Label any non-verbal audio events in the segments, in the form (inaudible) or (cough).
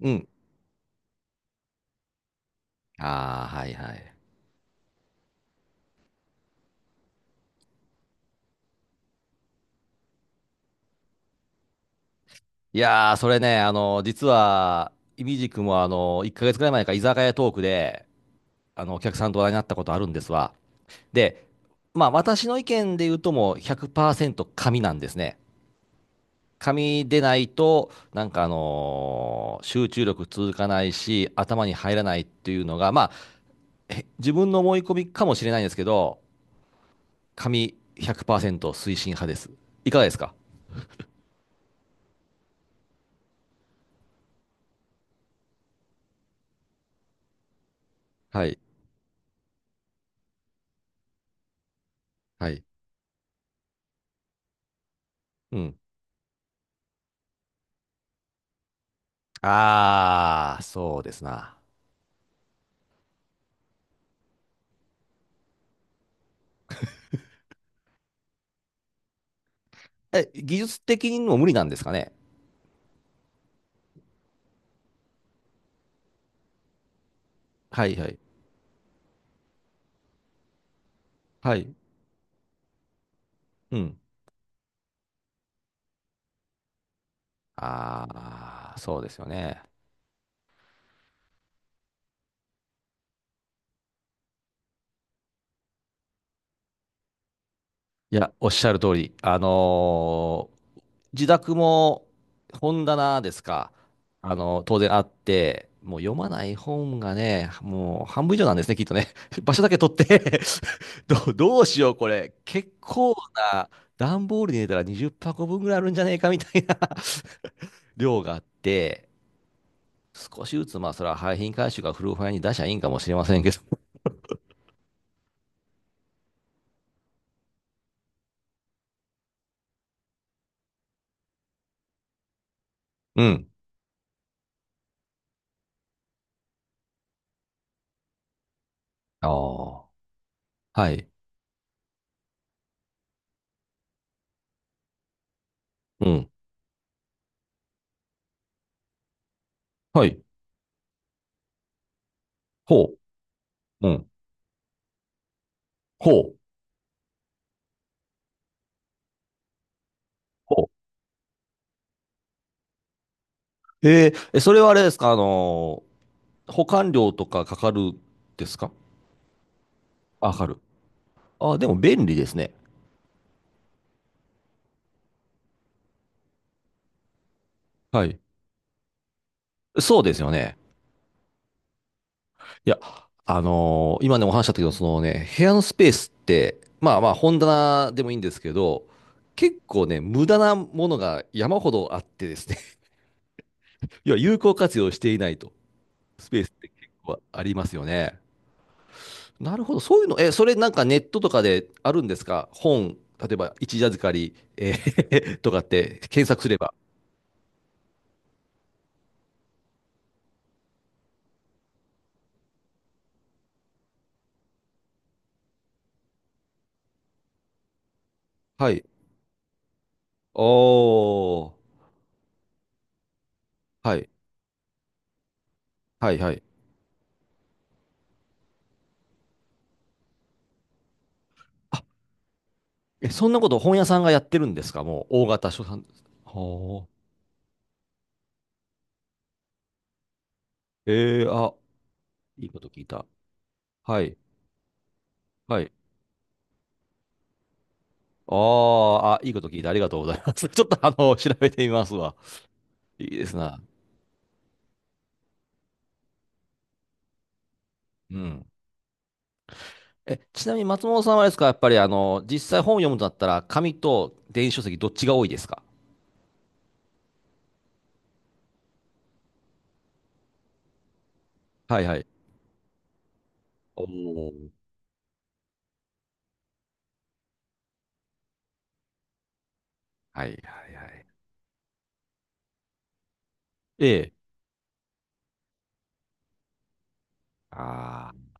うん。ああ、はいはい。いやー、それね、実は、いみじくも、1ヶ月くらい前か、居酒屋トークで、お客さんと話題になったことあるんですわ。で、まあ、私の意見で言うともう100%紙なんですね。紙でないと、なんか集中力続かないし、頭に入らないっていうのが、まあ、自分の思い込みかもしれないんですけど、紙100%推進派です。いかがですか？はい。はい。うん。ああ、そうですな。え、技術的にも無理なんですかね。はいはい。はい。うん。ああ、そうですよね。いや、おっしゃる通り。自宅も本棚ですか。当然あって、もう読まない本がね、もう半分以上なんですね、きっとね。(laughs) 場所だけ取って。 (laughs) どうしよう、これ。結構な、段ボールに入れたら20箱分ぐらいあるんじゃねえかみたいな (laughs) 量があって、少しずつ、まあ、それは廃品回収がフルファイに出しゃいいんかもしれませんけど。うん。ああ。はい。うん。はい。ほう。うん。ほう。ほう。えーえ、それはあれですか？保管料とかかかるですか？あ、かかる。あ、でも便利ですね。はい。そうですよね。いや、今ね、お話ししたけど、そのね、部屋のスペースって、まあまあ、本棚でもいいんですけど、結構ね、無駄なものが山ほどあってですね、(laughs) いや、有効活用していないと。スペースって結構ありますよね。なるほど、そういうの、え、それなんかネットとかであるんですか？本、例えば一時預かり、(laughs) とかって検索すれば。はい。おー。はい。はい、はい。あ、え、そんなこと本屋さんがやってるんですか？もう大型書店。はああ、いいこと聞いた。はい。はい。あー、あ、いいこと聞いた。ありがとうございます。(laughs) ちょっと調べてみますわ。いいですな。うん。え、ちなみに松本さんはあれですか、やっぱり実際本を読むとなったら、紙と電子書籍どっちが多いですか？はいはい。おおはいはいはい。ええ。あ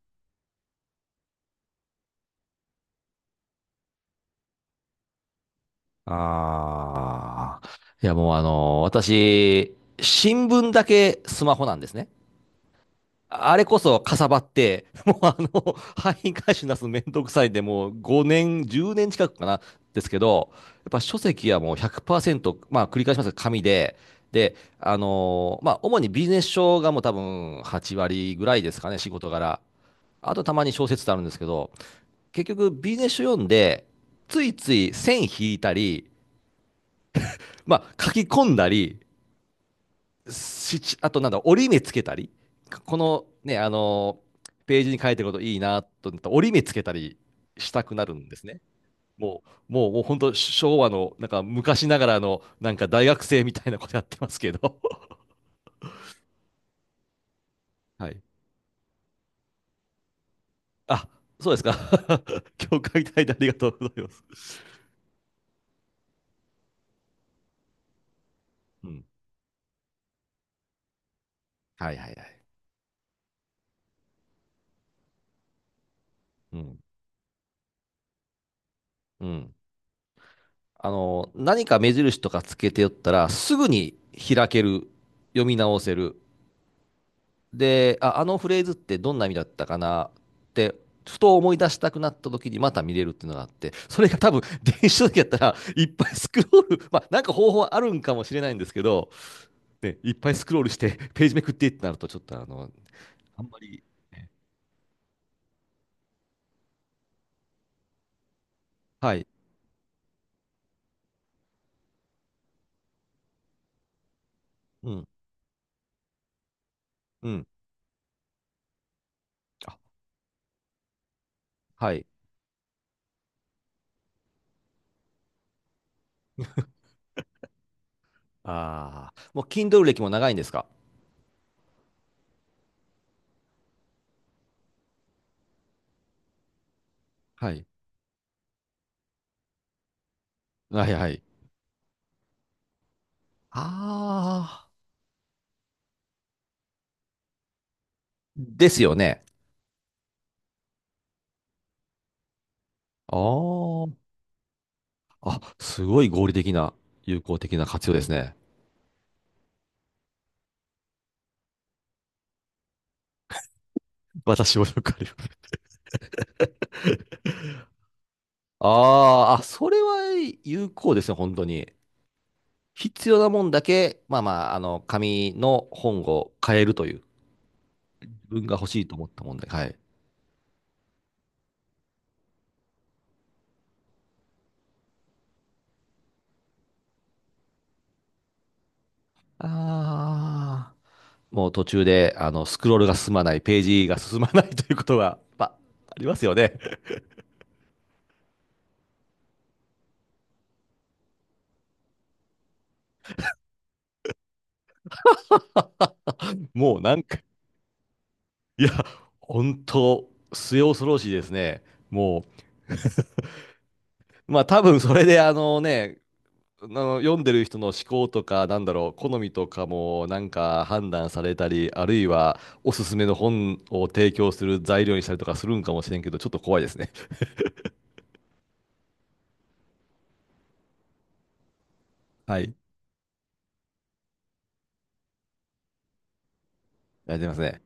あ。ああ。いや、もう私、新聞だけスマホなんですね。あれこそかさばって、(laughs) もう廃品回収なすめんどくさいんで、もう5年、10年近くかな、ですけど、やっぱ書籍はもう100%、まあ繰り返しますが紙で、まあ主にビジネス書がもう多分8割ぐらいですかね、仕事柄。あとたまに小説ってあるんですけど、結局ビジネス書読んで、ついつい線引いたり、まあ書き込んだり、しちあとなんだ、折り目つけたり、このね、あのページに書いてることいいなと思ったら折り目つけたりしたくなるんですね。もう、もう、もう本当昭和の、なんか昔ながらの、なんか大学生みたいなことやってますけど。(laughs) はい。あ、そうですか。(laughs) 共感いていただいてありがとうございます。うん。はいはいはい。うん。うん。何か目印とかつけておったら、すぐに開ける、読み直せる、で、あ、あのフレーズってどんな意味だったかなって、ふと思い出したくなった時にまた見れるっていうのがあって、それが多分 (laughs) 電子書籍やったらいっぱいスクロール、まあなんか方法あるんかもしれないんですけど、ね、いっぱいスクロールしてページめくってってなるとちょっとあんまり、ね、はい、うん、うん、あ、はい、ああ、もう Kindle 歴も長いんですか？はい。はいはい。ああ、ですよね。ああ、あ、すごい合理的な、有効的な活用ですね。私もよくある。あーあ、それは有効ですね、本当に。必要なもんだけ、まあまあ、紙の本を変えるという、自分が欲しいと思ったもんで、はい。ああ、もう途中で、スクロールが進まない、ページが進まない (laughs) ということが、まあ、ありますよね。もうなんか、いや、本当末恐ろしいですね。もう、まあ多分それで、あのね、あの読んでる人の思考とか、なんだろう、好みとかもなんか判断されたり、あるいはおすすめの本を提供する材料にしたりとかするんかもしれんけど、ちょっと怖いですね。(laughs) はい。やってますね。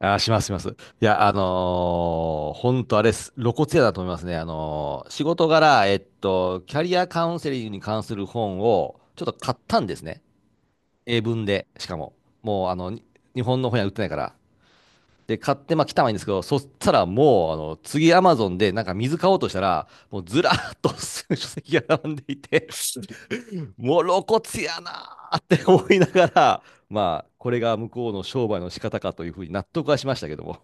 あー、します、します。いや、本当あれっす、露骨やだと思いますね。仕事柄、キャリアカウンセリングに関する本をちょっと買ったんですね。英文で、しかも。もう、日本の本屋売ってないから。で、買って、まあ、来たはいいんですけど、そしたらもう、次、アマゾンで、なんか水買おうとしたら、もうずらーっと (laughs) 書籍が並んでいて、もう露骨やなーって思いながら、まあ、これが向こうの商売の仕方かというふうに納得はしましたけども。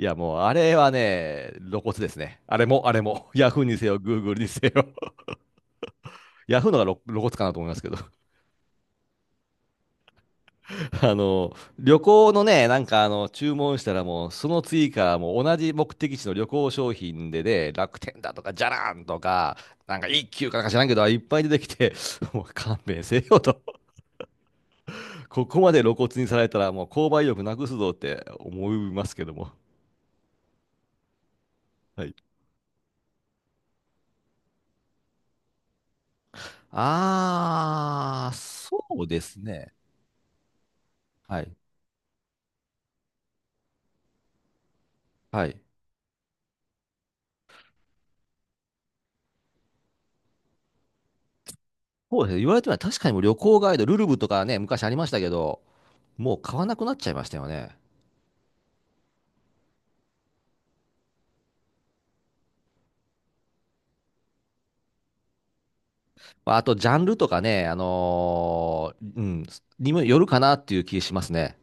いや、もう、あれはね、露骨ですね。あれも、あれも。ヤフーにせよ、グーグルにせよ。ヤフーのが露骨かなと思いますけど。(laughs) 旅行のね、なんか注文したらもう、その追加、もう同じ目的地の旅行商品でね、楽天だとか、じゃらんとか、なんか一休かなんか知らんけど、いっぱい出てきて、(laughs) もう勘弁せよと。(laughs) ここまで露骨にされたら、もう購買意欲なくすぞって思いますけども。はい。あー、そうですね。はい。はい。そうですね。言われてみれば確かにもう旅行ガイド、ルルブとかね、昔ありましたけど、もう買わなくなっちゃいましたよね。まあと、ジャンルとかね、うん、にもよるかなっていう気しますね。